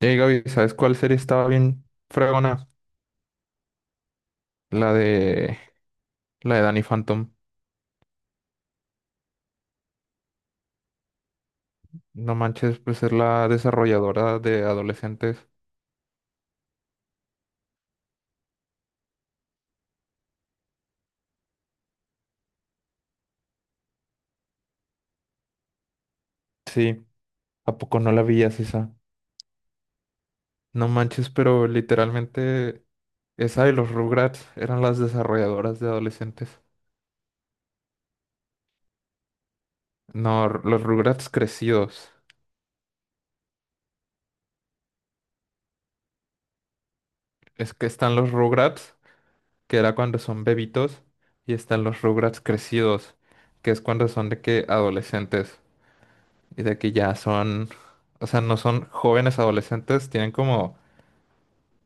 Hey Gaby, ¿sabes cuál serie estaba bien fregona? La de Danny Phantom. No manches, pues es la desarrolladora de adolescentes. Sí, ¿a poco no la veías esa? No manches, pero literalmente esa y los Rugrats eran las desarrolladoras de adolescentes. No, los Rugrats crecidos. Es que están los Rugrats, que era cuando son bebitos, y están los Rugrats crecidos, que es cuando son de que adolescentes. Y de que ya son, o sea, no son jóvenes adolescentes, tienen como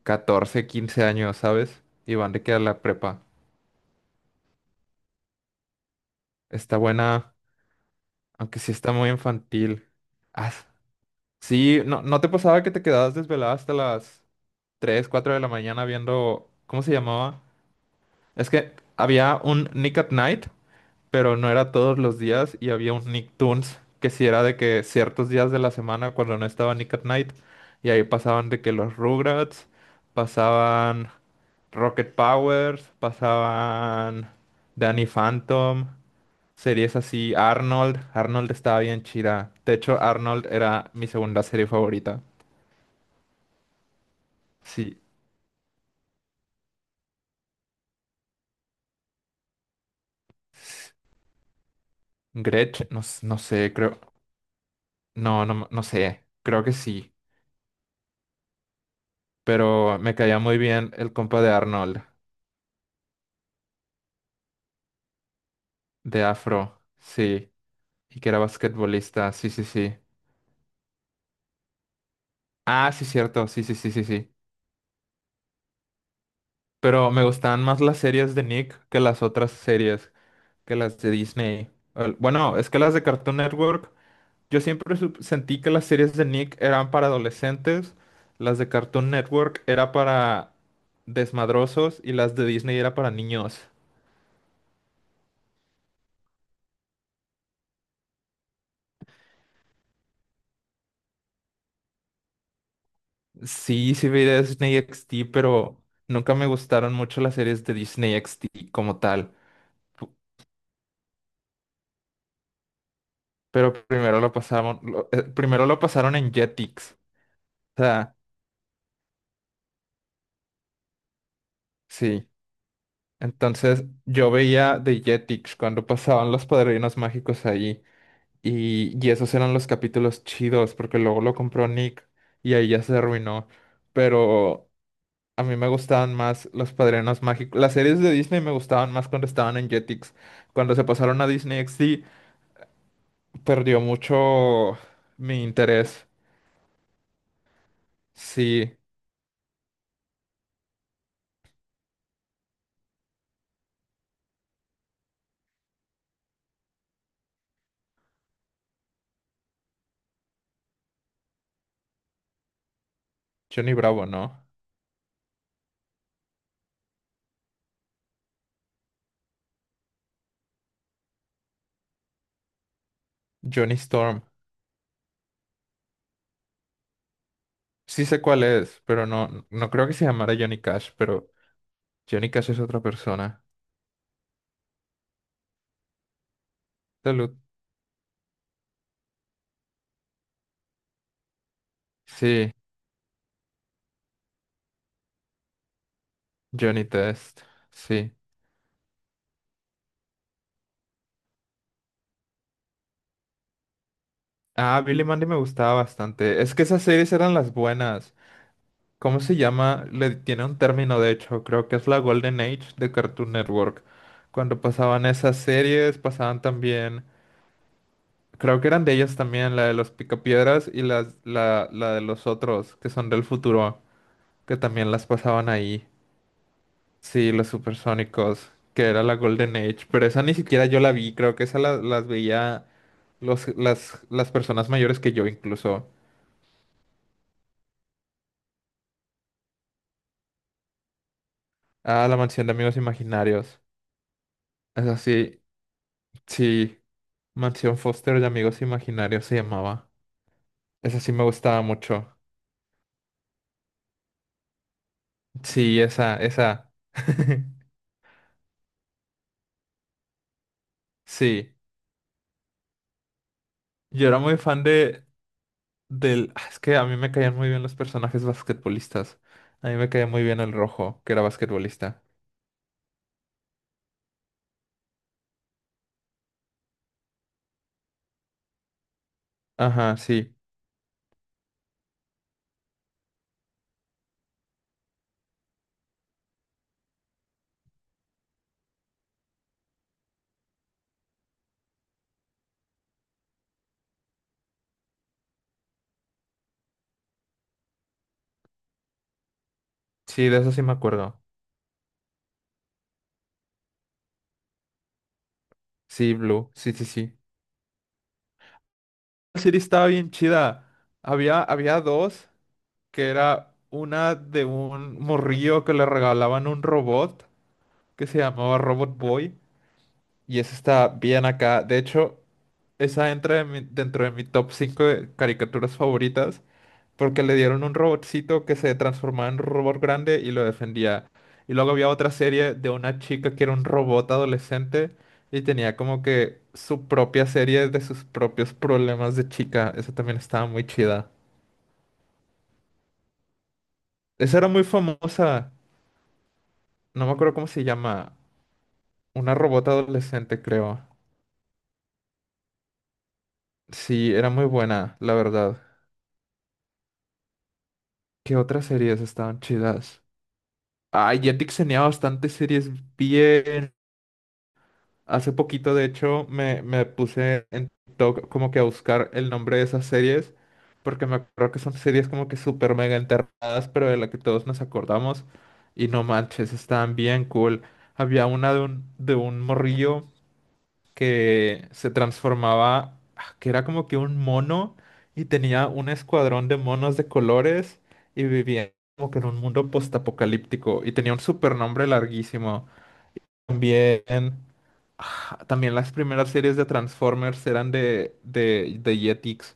14 15 años, ¿sabes? Y van de que a la prepa. Está buena, aunque sí está muy infantil. Ah, sí, no, ¿no te pasaba que te quedabas desvelada hasta las 3 4 de la mañana viendo, ¿cómo se llamaba? Es que había un Nick at Night, pero no era todos los días, y había un Nicktoons que sí era de que ciertos días de la semana cuando no estaba Nick at Night, y ahí pasaban de que los Rugrats, pasaban Rocket Powers, pasaban Danny Phantom, series así, Arnold. Arnold estaba bien chida. De hecho, Arnold era mi segunda serie favorita. Sí. Gretch, no, no sé, creo, no, no, no sé, creo que sí, pero me caía muy bien el compa de Arnold. De afro, sí, y que era basquetbolista, sí, sí, sí. Ah, sí, cierto, sí, sí, sí, sí, sí. Pero me gustaban más las series de Nick que las otras series, que las de Disney. Bueno, es que las de Cartoon Network, yo siempre sentí que las series de Nick eran para adolescentes, las de Cartoon Network era para desmadrosos y las de Disney era para niños. Sí, sí vi Disney XD, pero nunca me gustaron mucho las series de Disney XD como tal. Pero primero lo pasaron, primero lo pasaron en Jetix. O sea, sí. Entonces yo veía de Jetix cuando pasaban los padrinos mágicos ahí. Y esos eran los capítulos chidos, porque luego lo compró Nick y ahí ya se arruinó. Pero a mí me gustaban más los padrinos mágicos. Las series de Disney me gustaban más cuando estaban en Jetix. Cuando se pasaron a Disney XD, perdió mucho mi interés. Sí, Johnny Bravo, ¿no? Johnny Storm. Sí sé cuál es, pero no, no creo que se llamara Johnny Cash, pero Johnny Cash es otra persona. Salud. Sí, Johnny Test. Sí. Ah, Billy Mandy me gustaba bastante. Es que esas series eran las buenas. ¿Cómo se llama? Le tiene un término, de hecho, creo que es la Golden Age de Cartoon Network. Cuando pasaban esas series, pasaban también, creo que eran de ellas también, la de los Picapiedras y la de los otros, que son del futuro, que también las pasaban ahí. Sí, los supersónicos, que era la Golden Age, pero esa ni siquiera yo la vi, creo que esa las veía las personas mayores que yo incluso. Ah, la mansión de amigos imaginarios. Esa sí, sí, mansión Foster de amigos imaginarios se llamaba. Esa sí me gustaba mucho. Sí, esa, esa. Sí, yo era muy fan Es que a mí me caían muy bien los personajes basquetbolistas. A mí me caía muy bien el rojo, que era basquetbolista. Ajá, sí. Sí, de eso sí me acuerdo. Sí, Blue. Sí, sí, sí. La serie estaba bien chida. Había dos, que era una de un morrillo que le regalaban un robot que se llamaba Robot Boy. Y esa está bien acá. De hecho, esa entra en dentro de mi top 5 de caricaturas favoritas. Porque le dieron un robotcito que se transformaba en un robot grande y lo defendía. Y luego había otra serie de una chica que era un robot adolescente y tenía como que su propia serie de sus propios problemas de chica. Esa también estaba muy chida. Esa era muy famosa. No me acuerdo cómo se llama. Una robot adolescente, creo. Sí, era muy buena, la verdad. ¿Qué otras series estaban chidas? Ay, Jetix tenía bastantes series bien. Hace poquito, de hecho, me puse en TikTok como que a buscar el nombre de esas series, porque me acuerdo que son series como que súper mega enterradas, pero de la que todos nos acordamos. Y no manches, estaban bien cool. Había una de un, morrillo que se transformaba, que era como que un mono y tenía un escuadrón de monos de colores y vivía como que en un mundo postapocalíptico y tenía un super nombre larguísimo. También, también las primeras series de Transformers eran de Jetix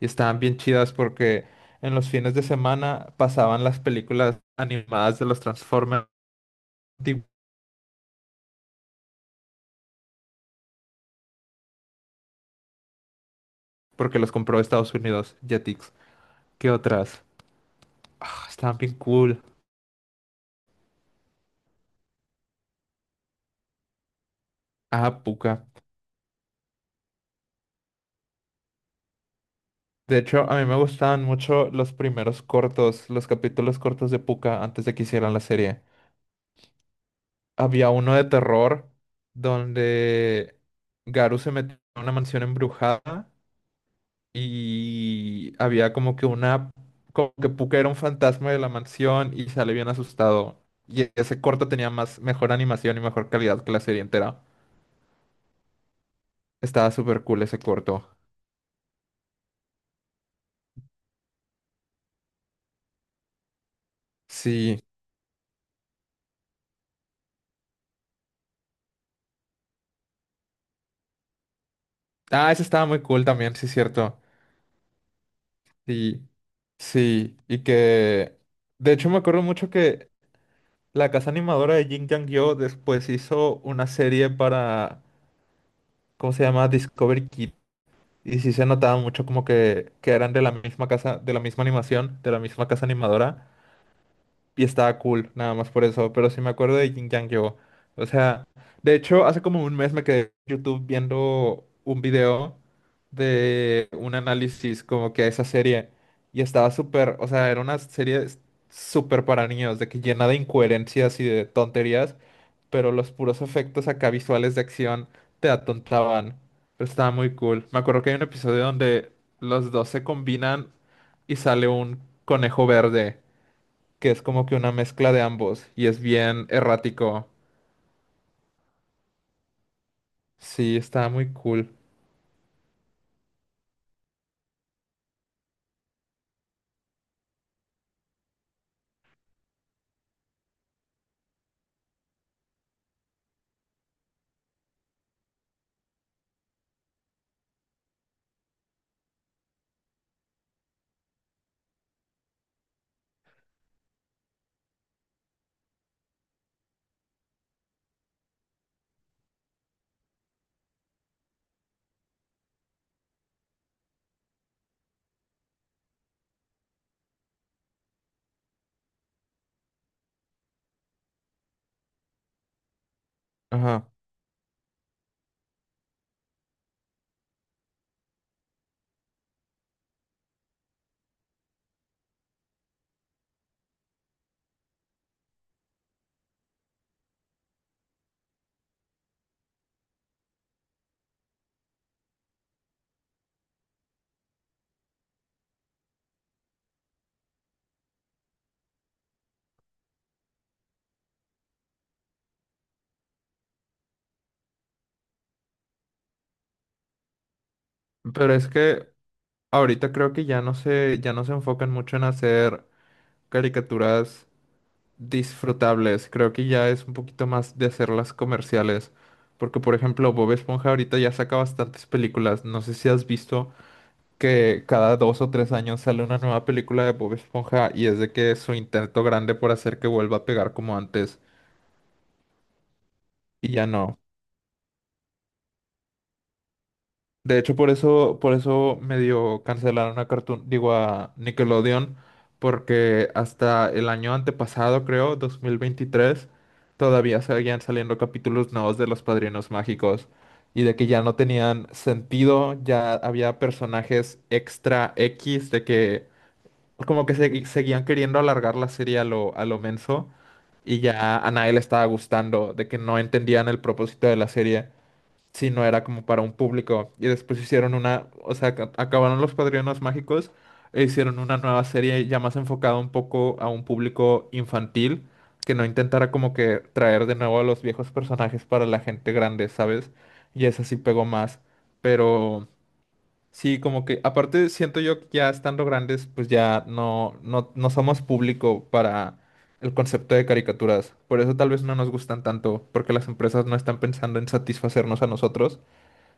y estaban bien chidas porque en los fines de semana pasaban las películas animadas de los Transformers, di- porque los compró Estados Unidos, Jetix. ¿Qué otras? Ah, estaban bien cool. Ah, Pucca. De hecho, a mí me gustaban mucho los primeros cortos, los capítulos cortos de Pucca antes de que hicieran la serie. Había uno de terror donde Garu se metió en una mansión embrujada y había como que una, como que Puka era un fantasma de la mansión y sale bien asustado. Y ese corto tenía más, mejor animación y mejor calidad que la serie entera. Estaba súper cool ese corto. Sí. Ah, ese estaba muy cool también, sí, cierto. Sí, sí. Y que, de hecho, me acuerdo mucho que la casa animadora de Jin Yang Yo después hizo una serie para ¿cómo se llama? Discovery Kid. Y sí se notaba mucho como que eran de la misma casa, de la misma animación, de la misma casa animadora y estaba cool, nada más por eso, pero sí me acuerdo de Jin Yang Yo. O sea, de hecho, hace como un mes me quedé en YouTube viendo un video de un análisis como que a esa serie y estaba súper, o sea, era una serie súper para niños, de que llena de incoherencias y de tonterías, pero los puros efectos acá visuales de acción te atontaban. Pero estaba muy cool. Me acuerdo que hay un episodio donde los dos se combinan y sale un conejo verde que es como que una mezcla de ambos y es bien errático. Sí, está muy cool. Ajá. Pero es que ahorita creo que ya no se enfocan mucho en hacer caricaturas disfrutables. Creo que ya es un poquito más de hacerlas comerciales. Porque, por ejemplo, Bob Esponja ahorita ya saca bastantes películas. No sé si has visto que cada dos o tres años sale una nueva película de Bob Esponja y es de que es su intento grande por hacer que vuelva a pegar como antes, y ya no. De hecho, por eso, medio cancelaron a Cartoon, digo a Nickelodeon, porque hasta el año antepasado, creo, 2023, todavía seguían saliendo capítulos nuevos de Los Padrinos Mágicos y de que ya no tenían sentido, ya había personajes extra X, de que como que seguían queriendo alargar la serie a lo menso y ya a nadie le estaba gustando, de que no entendían el propósito de la serie. Sí, no era como para un público. Y después hicieron una, o sea, acabaron Los Padrinos Mágicos e hicieron una nueva serie ya más enfocada un poco a un público infantil, que no intentara como que traer de nuevo a los viejos personajes para la gente grande, ¿sabes? Y esa sí pegó más. Pero sí, como que aparte siento yo que ya estando grandes, pues ya no, no, no somos público para el concepto de caricaturas. Por eso tal vez no nos gustan tanto, porque las empresas no están pensando en satisfacernos a nosotros,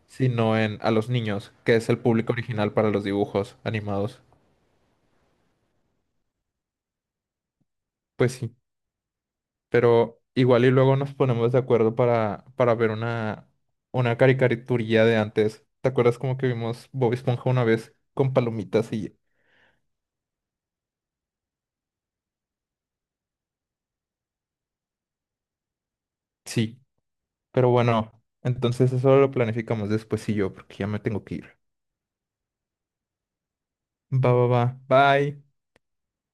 sino en a los niños, que es el público original para los dibujos animados. Pues sí, pero igual y luego nos ponemos de acuerdo para ver una caricaturilla de antes. ¿Te acuerdas como que vimos Bob Esponja una vez con palomitas y sí, pero bueno, entonces eso lo planificamos después? Y yo, porque ya me tengo que ir. Va, va, va. Bye.